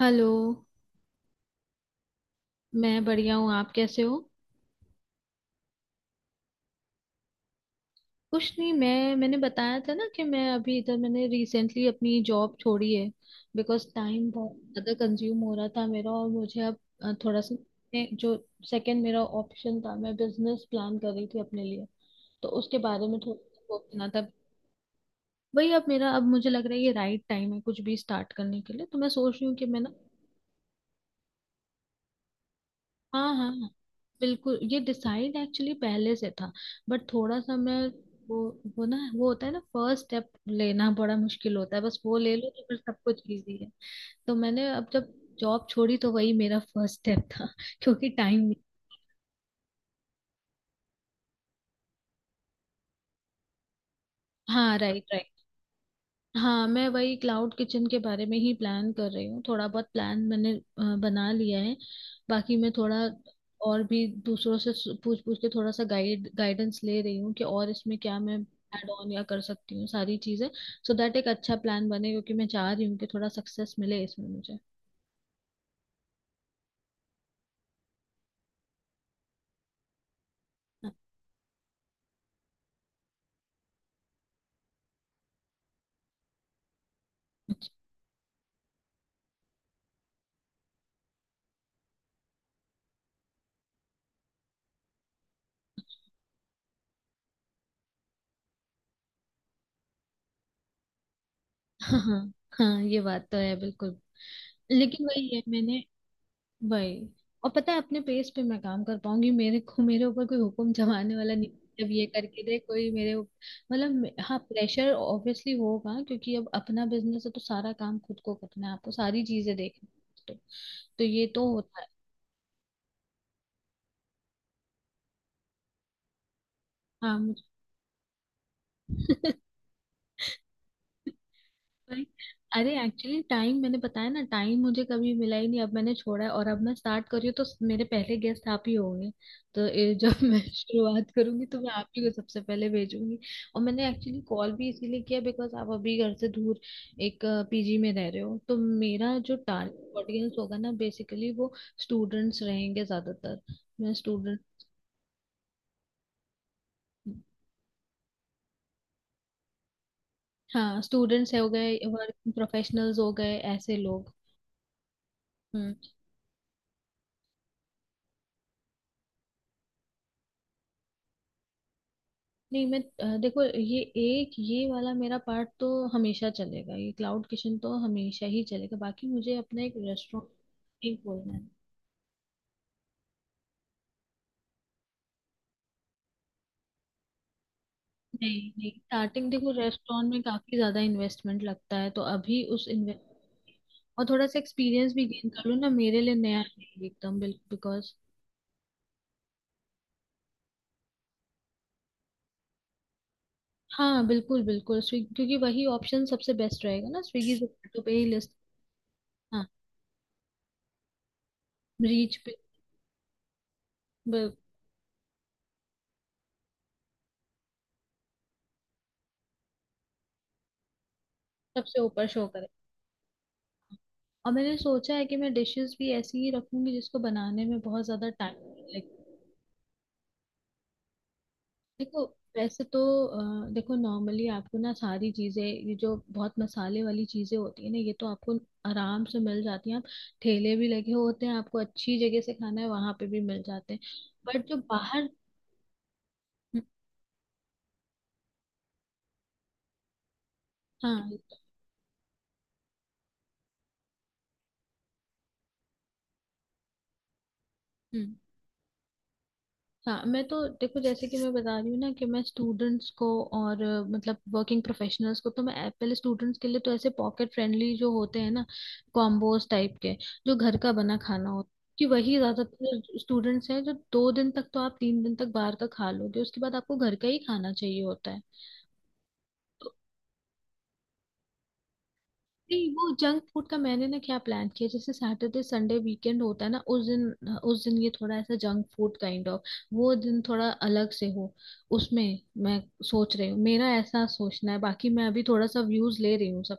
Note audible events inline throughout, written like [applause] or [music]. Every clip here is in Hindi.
हेलो। मैं बढ़िया हूँ, आप कैसे हो? कुछ नहीं, मैंने बताया था ना कि मैं अभी इधर मैंने रिसेंटली अपनी जॉब छोड़ी है, बिकॉज टाइम बहुत ज़्यादा कंज्यूम हो रहा था मेरा। और मुझे अब थोड़ा सा, जो सेकंड मेरा ऑप्शन था, मैं बिजनेस प्लान कर रही थी अपने लिए, तो उसके बारे में थोड़ा सा सोचना था। वही, अब मेरा, अब मुझे लग रहा है ये राइट टाइम है कुछ भी स्टार्ट करने के लिए, तो मैं सोच रही हूँ कि मैं ना। हाँ हाँ हाँ, बिल्कुल, ये डिसाइड एक्चुअली पहले से था, बट थोड़ा सा मैं वो वो ना, वो होता है ना, फर्स्ट स्टेप लेना बड़ा मुश्किल होता है, बस वो ले लो तो फिर सब कुछ इजी है। तो मैंने अब जब जॉब छोड़ी तो वही मेरा फर्स्ट स्टेप था [laughs] क्योंकि टाइम। हाँ राइट। हाँ, मैं वही क्लाउड किचन के बारे में ही प्लान कर रही हूँ। थोड़ा बहुत प्लान मैंने बना लिया है। बाकी मैं थोड़ा और भी दूसरों से पूछ पूछ के थोड़ा सा गाइडेंस ले रही हूँ कि और इसमें क्या मैं ऐड ऑन या कर सकती हूँ सारी चीज़ें, सो दैट एक अच्छा प्लान बने, क्योंकि मैं चाह रही हूँ कि थोड़ा सक्सेस मिले इसमें मुझे। [laughs] हाँ हाँ हाँ, ये बात तो है बिल्कुल। लेकिन वही है, मैंने वही, और पता है अपने पेस पे मैं काम कर पाऊंगी, मेरे को मेरे ऊपर कोई हुक्म जमाने वाला नहीं, जब ये करके दे कोई मेरे उप-, मतलब हाँ, प्रेशर ऑब्वियसली होगा क्योंकि अब अपना बिजनेस है, तो सारा काम खुद को करना है, आपको सारी चीजें देखनी है तो ये तो होता है। हाँ मुझे। भाई, अरे एक्चुअली टाइम मैंने बताया ना, टाइम मुझे कभी मिला ही नहीं, अब मैंने छोड़ा है और अब मैं स्टार्ट कर रही हूँ, तो मेरे पहले गेस्ट आप ही होंगे। तो ये जब [laughs] मैं शुरुआत करूंगी तो मैं आप ही को सबसे पहले भेजूंगी। और मैंने एक्चुअली कॉल भी इसीलिए किया, बिकॉज आप अभी घर से दूर एक पीजी में रह रहे हो, तो मेरा जो टारगेट ऑडियंस होगा ना, बेसिकली वो स्टूडेंट्स रहेंगे ज्यादातर। मैं स्टूडेंट, हाँ स्टूडेंट्स हो गए, वर्क प्रोफेशनल्स हो गए, ऐसे लोग। हम्म। नहीं, मैं देखो, ये एक, ये वाला मेरा पार्ट तो हमेशा चलेगा, ये क्लाउड किचन तो हमेशा ही चलेगा। बाकी मुझे अपना एक रेस्टोरेंट नहीं खोलना है। नहीं नहीं, स्टार्टिंग, देखो रेस्टोरेंट में काफी ज्यादा इन्वेस्टमेंट लगता है, तो अभी उस इन्वेस्ट और थोड़ा सा एक्सपीरियंस भी गेन कर लूँ ना, मेरे लिए नया रहेगा एकदम बिल्कुल, बिकॉज। हाँ बिल्कुल बिल्कुल, स्विगी क्योंकि वही ऑप्शन सबसे बेस्ट रहेगा ना, स्विगी जोमेटो पे ही लिस्ट। हाँ, रीच पे, ब-, सबसे ऊपर शो। और मैंने सोचा है कि मैं डिशेस भी ऐसी ही रखूंगी जिसको बनाने में बहुत ज्यादा टाइम लगे। Like, देखो वैसे तो देखो नॉर्मली आपको ना सारी चीजें, ये जो बहुत मसाले वाली चीजें होती है ना, ये तो आपको आराम से मिल जाती हैं, आप ठेले भी लगे होते हैं, आपको अच्छी जगह से खाना है वहां पे भी मिल जाते हैं, बट जो बाहर। हम्म। हाँ। हम्म। हाँ मैं तो देखो, जैसे कि मैं बता रही हूँ ना कि मैं स्टूडेंट्स को और मतलब वर्किंग प्रोफेशनल्स को, तो मैं पहले स्टूडेंट्स के लिए तो ऐसे पॉकेट फ्रेंडली जो होते हैं ना, कॉम्बोज टाइप के, जो घर का बना खाना होता है, कि वही ज्यादातर स्टूडेंट्स हैं, जो दो दिन तक तो आप, तीन दिन तक बाहर का खा लोगे, उसके बाद आपको घर का ही खाना चाहिए होता है। नहीं, वो जंक फूड का मैंने ना क्या प्लान किया, जैसे सैटरडे संडे वीकेंड होता है ना, उस दिन, उस दिन ये थोड़ा ऐसा जंक फूड काइंड ऑफ, वो दिन थोड़ा अलग से हो। उसमें मैं सोच रही हूँ, मेरा ऐसा सोचना है, बाकी मैं अभी थोड़ा सा व्यूज ले रही हूँ सब।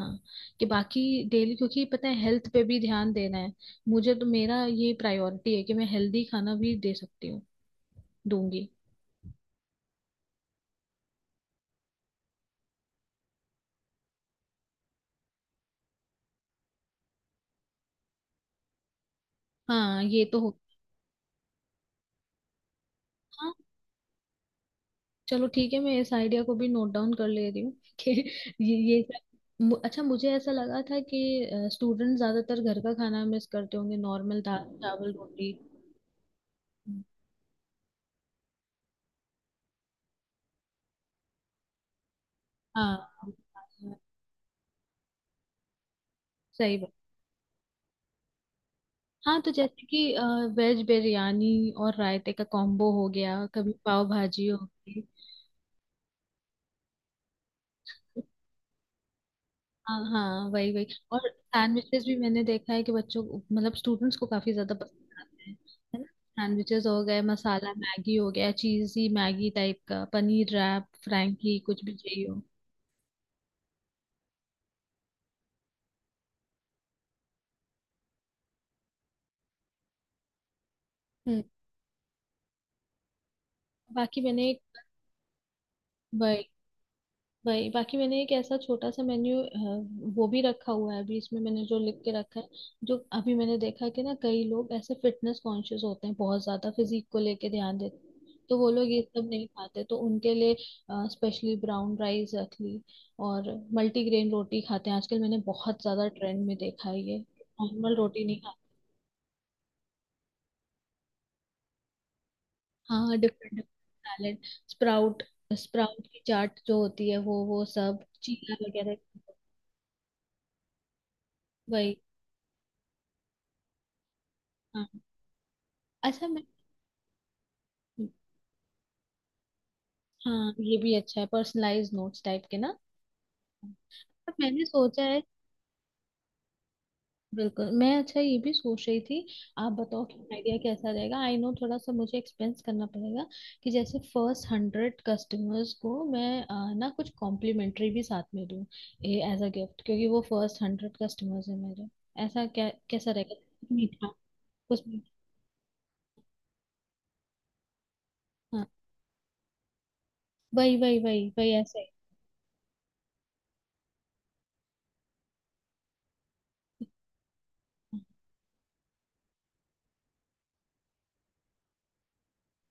हाँ, कि बाकी डेली, क्योंकि पता है हेल्थ पे भी ध्यान देना है मुझे, तो मेरा ये प्रायोरिटी है कि मैं हेल्दी खाना भी दे सकती हूँ, दूंगी। हाँ ये तो हो। हाँ, चलो ठीक है, मैं इस आइडिया को भी नोट डाउन कर ले रही हूँ [laughs] कि ये सब-, अच्छा, मुझे ऐसा लगा था कि स्टूडेंट ज्यादातर घर का खाना मिस करते होंगे, नॉर्मल दाल चावल रोटी। हाँ सही बात। हाँ, तो जैसे कि वेज बिरयानी और रायते का कॉम्बो हो गया, कभी पाव भाजी हो गई। हाँ हाँ वही वही। और सैंडविचेस भी मैंने देखा है कि मतलब स्टूडेंट्स को काफी ज्यादा पसंद आते हैं। है ना, सैंडविचेस हो गए, मसाला मैगी हो गया, चीजी मैगी टाइप का, पनीर रैप फ्रैंकी, कुछ भी चाहिए हो। हम्म। बाकी मैंने एक वही, बाकी मैंने एक ऐसा छोटा सा मेन्यू वो भी रखा हुआ है अभी, इसमें मैंने जो लिख के रखा है, जो अभी मैंने देखा कि ना कई लोग ऐसे फिटनेस कॉन्शियस होते हैं, बहुत ज्यादा फिजिक को लेके ध्यान देते हैं, तो वो लोग ये सब नहीं खाते, तो उनके लिए स्पेशली ब्राउन राइस रख ली, और मल्टीग्रेन रोटी खाते हैं आजकल, मैंने बहुत ज्यादा ट्रेंड में देखा है ये। नॉर्मल रोटी नहीं खाते। हाँ different different, salad, sprout, sprout की चाट जो होती है, वो सब, चीला वगैरह। वही। हाँ, अच्छा मैं, हाँ ये भी अच्छा है, पर्सनलाइज नोट्स टाइप के ना। पर मैंने सोचा है, बिल्कुल मैं, अच्छा ये भी सोच रही थी, आप बताओ कि आइडिया कैसा रहेगा। आई नो थोड़ा सा मुझे एक्सपेंस करना पड़ेगा, कि जैसे फर्स्ट हंड्रेड कस्टमर्स को मैं ना कुछ कॉम्प्लीमेंट्री भी साथ में दूँ, एज अ गिफ्ट, क्योंकि वो फर्स्ट हंड्रेड कस्टमर्स है मेरे, ऐसा क्या कैसा रहेगा। मीठा, कुछ मीठा। हाँ वही वही वही वही, ऐसा ही,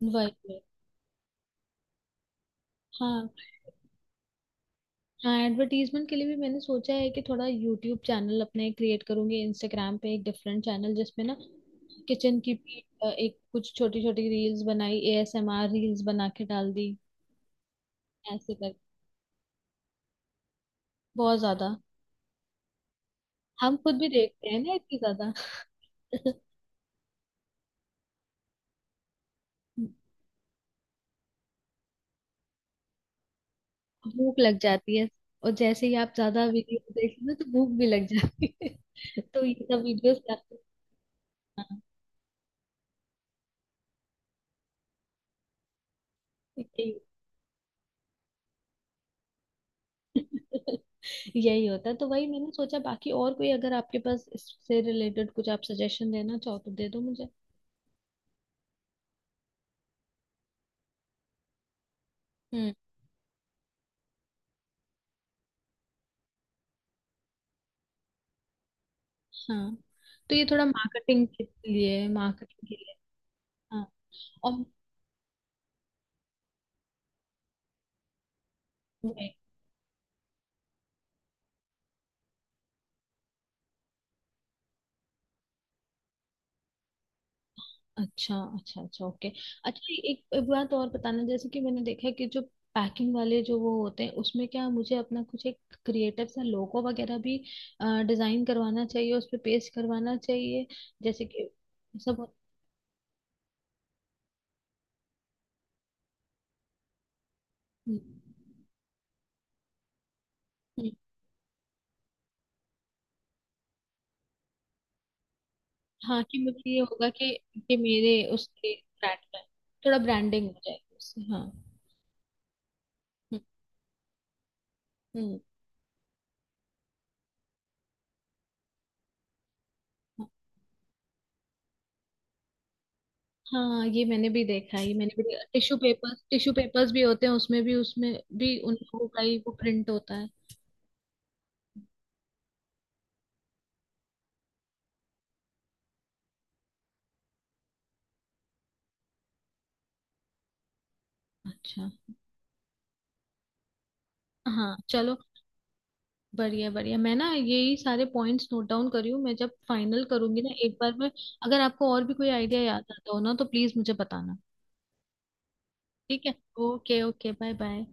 वही वही। हाँ हाँ, एडवर्टीजमेंट के लिए भी मैंने सोचा है कि थोड़ा यूट्यूब चैनल अपने क्रिएट करूंगी, इंस्टाग्राम पे एक डिफरेंट चैनल, जिसमें ना किचन की भी एक कुछ छोटी छोटी रील्स बनाई, एएसएमआर रील्स बना के डाल दी। ऐसे कर, बहुत ज्यादा, हम खुद भी देखते हैं ना इतनी ज्यादा। [laughs] भूख लग जाती है, और जैसे ही आप ज्यादा वीडियो देखते हैं ना तो भूख भी लग जाती है। [laughs] तो ये सब वीडियोस आपको। हाँ, यही, यही होता है, तो वही मैंने सोचा। बाकी और कोई अगर आपके पास इससे रिलेटेड कुछ आप सजेशन देना चाहो तो दे दो मुझे। हम्म। हाँ, तो ये थोड़ा मार्केटिंग के लिए। हाँ और वो-। अच्छा अच्छा अच्छा ओके। अच्छा एक, एक बात और बताना, जैसे कि मैंने देखा है कि जो पैकिंग वाले जो वो होते हैं उसमें, क्या मुझे अपना कुछ एक क्रिएटिव सा लोगो वगैरह भी डिजाइन करवाना चाहिए, उस पे पेस्ट करवाना चाहिए, जैसे कि सब। हम्म, हम्म। हाँ कि मुझे ये होगा कि मेरे उसके ब्रांड में, थोड़ा ब्रांडिंग हो जाएगी उससे, हाँ। हम्म। हम्म, हाँ हाँ, ये मैंने भी देखा है, ये मैंने भी देखा, टिश्यू पेपर्स भी होते हैं, उसमें भी, उसमें भी उन लोगों का ही वो प्रिंट होता है। अच्छा। हाँ चलो, बढ़िया बढ़िया, मैं ना यही सारे पॉइंट्स नोट डाउन करी हूँ, मैं जब फाइनल करूंगी ना एक बार, मैं अगर आपको और भी कोई आइडिया याद आता हो ना तो प्लीज मुझे बताना। ठीक है। Okay okay, bye bye.